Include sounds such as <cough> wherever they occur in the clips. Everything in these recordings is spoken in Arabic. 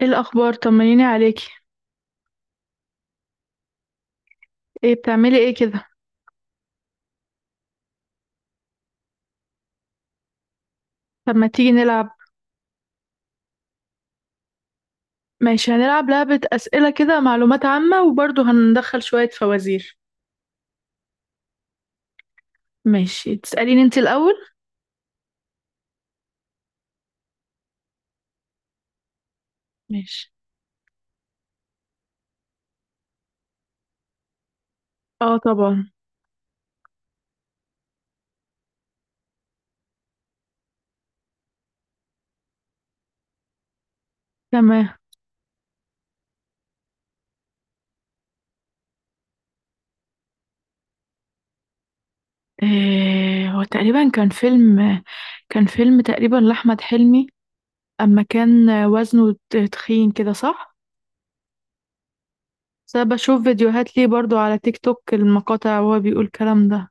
ايه الاخبار؟ طمنيني عليكي. ايه بتعملي ايه كده؟ طب ما تيجي نلعب؟ ماشي، هنلعب لعبة اسئلة كده، معلومات عامة وبرضه هندخل شوية فوازير. ماشي، تسأليني انت الاول. ماشي. اه طبعا. تمام. إيه، هو تقريبا كان فيلم تقريبا لأحمد حلمي. اما كان وزنه تخين كده، صح؟ بس أنا بشوف فيديوهات ليه برضه على تيك توك المقاطع، وهو بيقول الكلام ده.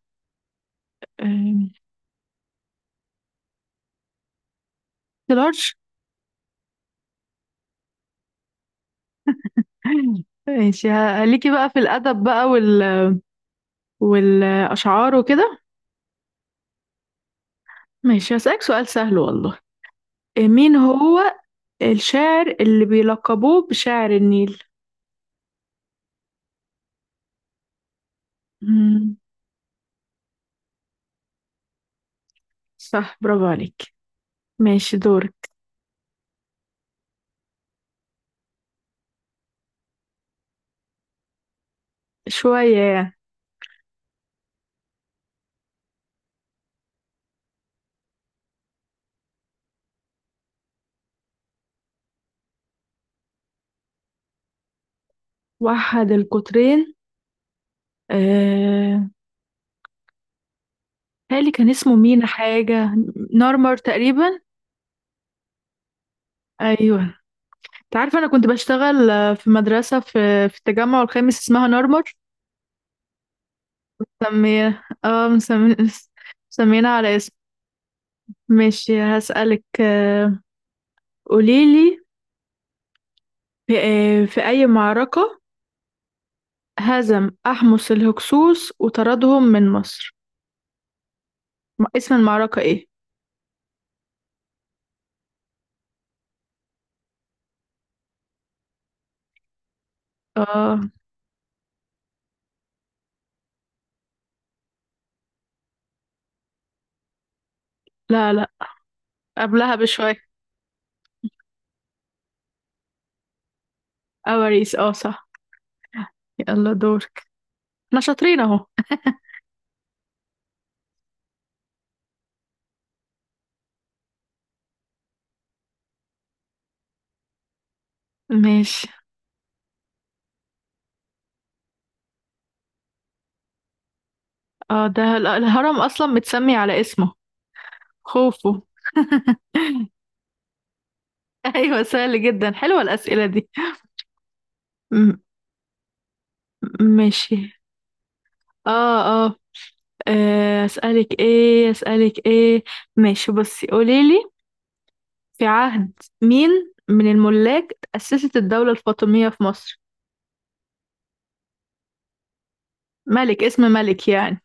إيه؟ لارج. <laughs> ماشي، ليكي بقى في الأدب بقى والأشعار وكده؟ ماشي، هسألك سؤال سهل والله. مين هو الشاعر اللي بيلقبوه بشاعر النيل؟ مم. صح، برافو عليك. ماشي دورك. شوية يعني. وحد القطرين. آه... هالي كان اسمه مينا حاجة. نارمر تقريبا. أيوه. انت عارفة أنا كنت بشتغل في مدرسة في التجمع الخامس اسمها نارمر. مسمية. مسمينا على اسم. ماشي هسألك. قوليلي، في أي معركة هزم أحمس الهكسوس وطردهم من مصر؟ اسم المعركة إيه؟ آه، لا لا، قبلها بشوية. أواريس، صح. يلا دورك. احنا شاطرين أهو. ماشي. ده الهرم أصلا متسمي على اسمه، خوفو. <laughs> أيوة سهل جدا، حلوة الأسئلة دي. م- ماشي. آه آه أسألك إيه؟ ماشي، بصي قوليلي. في عهد مين من الملاك تأسست الدولة الفاطمية في مصر؟ ملك، اسم ملك يعني،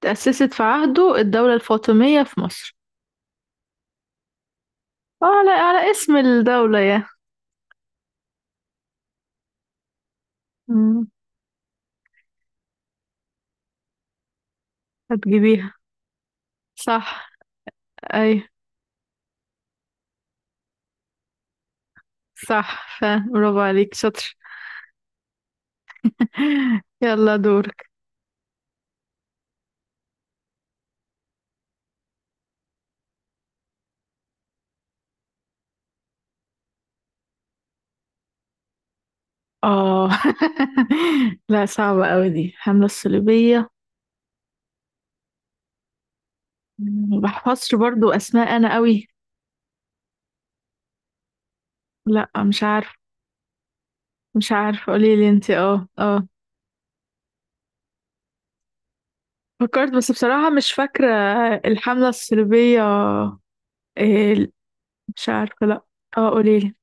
تأسست في عهده الدولة الفاطمية في مصر. على اسم الدولة، يا... مم. هتجيبيها. صح. أي. صح. برافو عليك، شاطر. <laughs> يلا دورك. اه. <laughs> لا صعبة قوي دي، حملة الصليبية. ما بحفظش برضو أسماء أنا قوي. لا مش عارفة. مش عارفة، قولي لي انت، اه. فكرت بس بصراحة مش فاكرة. الحملة الصليبية، إيه؟ مش عارفة، لأ. اه قوليلي.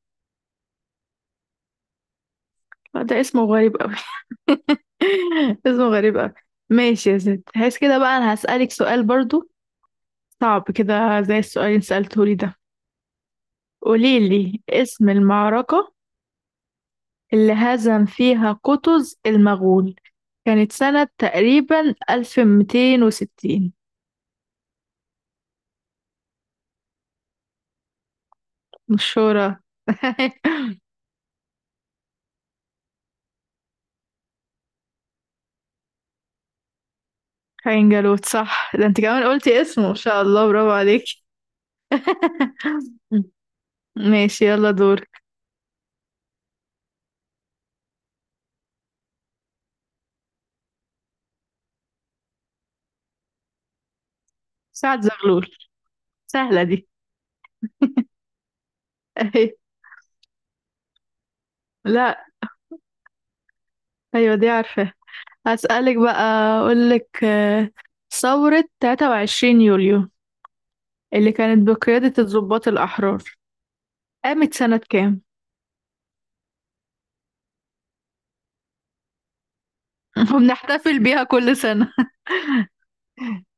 ده اسمه غريب أوي. <laughs> اسمه غريب أوي. ماشي يا ست، هس كده بقى، أنا هسألك سؤال برضو صعب كده زي السؤال اللي سألتهولي ده. قوليلي اسم المعركة اللي هزم فيها قطز المغول، كانت سنة تقريبا 1260. مش شورى؟ <laughs> خاين جالوت، صح. ده انت كمان قلتي اسمه، ما شاء الله، برافو عليك. <laughs> ماشي، يلا دورك. سعد زغلول، سهلة دي. <laughs> اهي. لا ايوه دي عارفة. هسألك بقى. اقولك، ثورة 23 يوليو اللي كانت بقيادة الضباط الأحرار قامت سنة كام؟ <laughs> وبنحتفل بيها كل سنة. <laughs>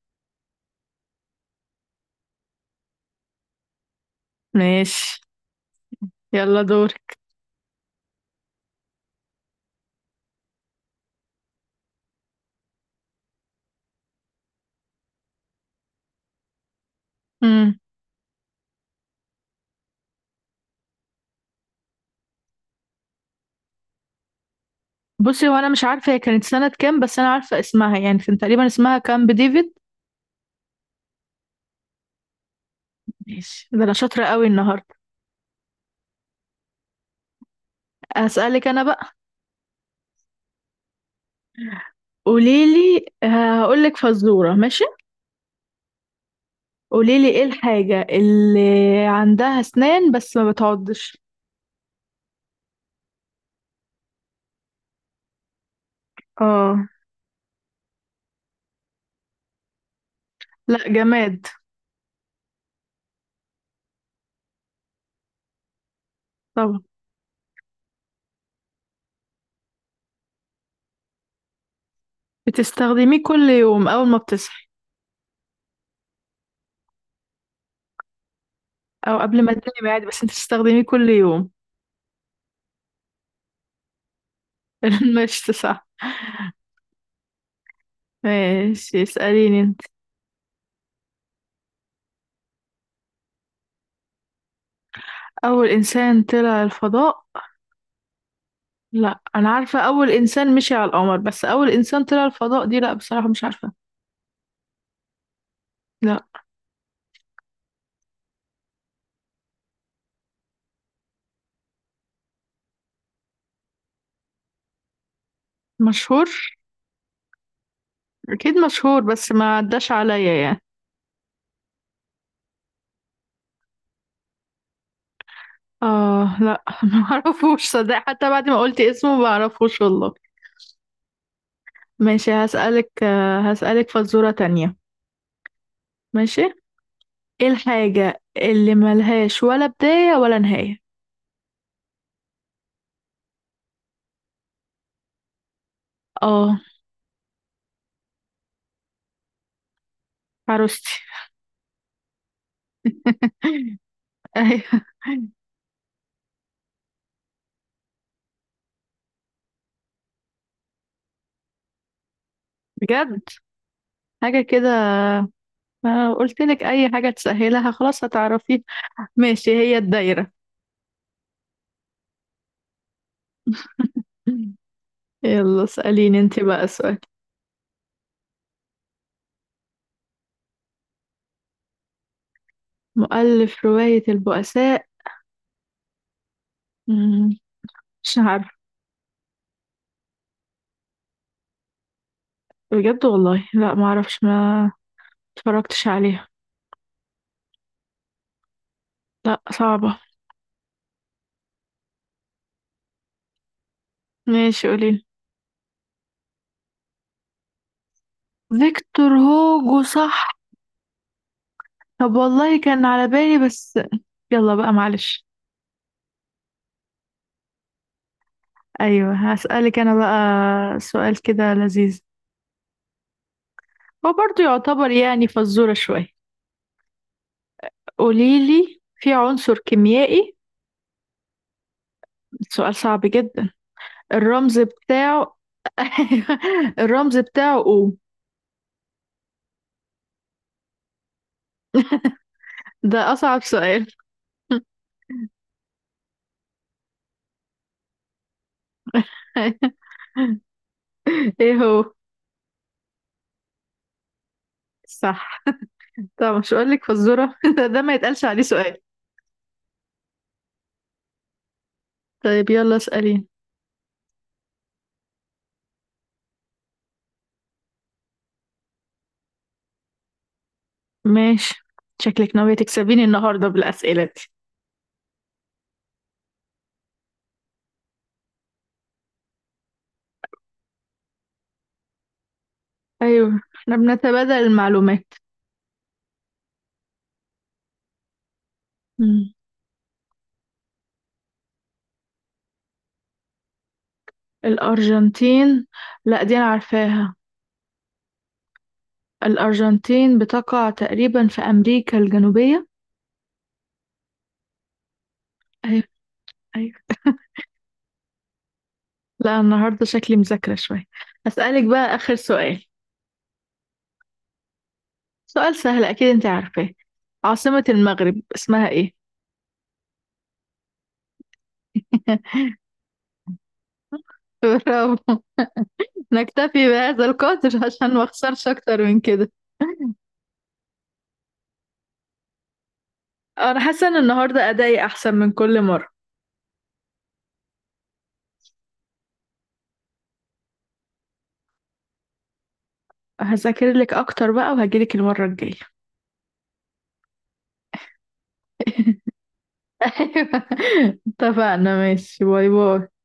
ماشي، يلا دورك. امم، بصي، وانا مش عارفة هي كانت سنة كام، بس انا عارفة اسمها، يعني كان تقريبا اسمها كامب ديفيد. ماشي، ده انا شاطرة قوي النهاردة. هسألك انا بقى. قوليلي هقولك فزورة، ماشي. قوليلي ايه الحاجة اللي عندها اسنان بس ما بتعضش؟ اه. لا، جماد. طبعا. بتستخدميه كل يوم اول ما بتصحي، او قبل ما تنامي عادي، بس انت بتستخدميه كل يوم. <laughs> المشط، صح. ماشي، اسأليني انت. اول انسان طلع الفضاء؟ لا، انا عارفة اول انسان مشي على القمر، بس اول انسان طلع الفضاء دي لا بصراحة مش عارفة. لا. مشهور؟ اكيد مشهور بس ما عداش عليا يعني. اه لا، <laughs> ما اعرفوش، صدق حتى بعد ما قلت اسمه ما اعرفوش والله. ماشي، هسألك فزورة تانية. ماشي. ايه الحاجة اللي ملهاش ولا بداية ولا نهاية؟ اه عروستي. <laughs> ايوه. بجد. حاجة كده. ما قلت لك اي حاجة تسهلها خلاص هتعرفيها. ماشي، هي الدايرة. يلا اسأليني انت بقى سؤال. مؤلف رواية البؤساء؟ مم، مش عارفة. بجد والله، لا ما اعرفش، ما اتفرجتش عليها. لا صعبة. ماشي قوليلي. فيكتور هوجو، صح. طب والله كان على بالي بس. يلا بقى معلش. ايوه هسألك انا بقى سؤال كده لذيذ. هو برضو يعتبر يعني فزورة شوية. قوليلي، في عنصر كيميائي، سؤال صعب جدا، الرمز بتاعه... <laughs> الرمز بتاعه O. ده أصعب سؤال. <laughs> ايه هو؟ صح. طب مش هقول لك فزورة، <laughs> ده ما يتقالش عليه سؤال. طيب يلا اسأليني. ماشي. شكلك ناوية تكسبيني النهاردة بالأسئلة دي. أيوه احنا بنتبادل المعلومات. مم. الأرجنتين. لا دي أنا عارفاها. الأرجنتين بتقع تقريبا في أمريكا الجنوبية. أيوه أيوه. لا النهاردة شكلي مذاكرة شوية. هسألك بقى آخر سؤال. سؤال سهل أكيد أنت عارفاه. عاصمة المغرب اسمها إيه؟ <laughs> برافو. نكتفي بهذا القدر <laughs> عشان ما اخسرش اكتر من كده. انا حاسه ان النهارده ادائي احسن من كل مره. هذاكر لك اكتر بقى وهجيلك المره الجايه. <laughs> ايوه اتفقنا، ماشي، باي باي.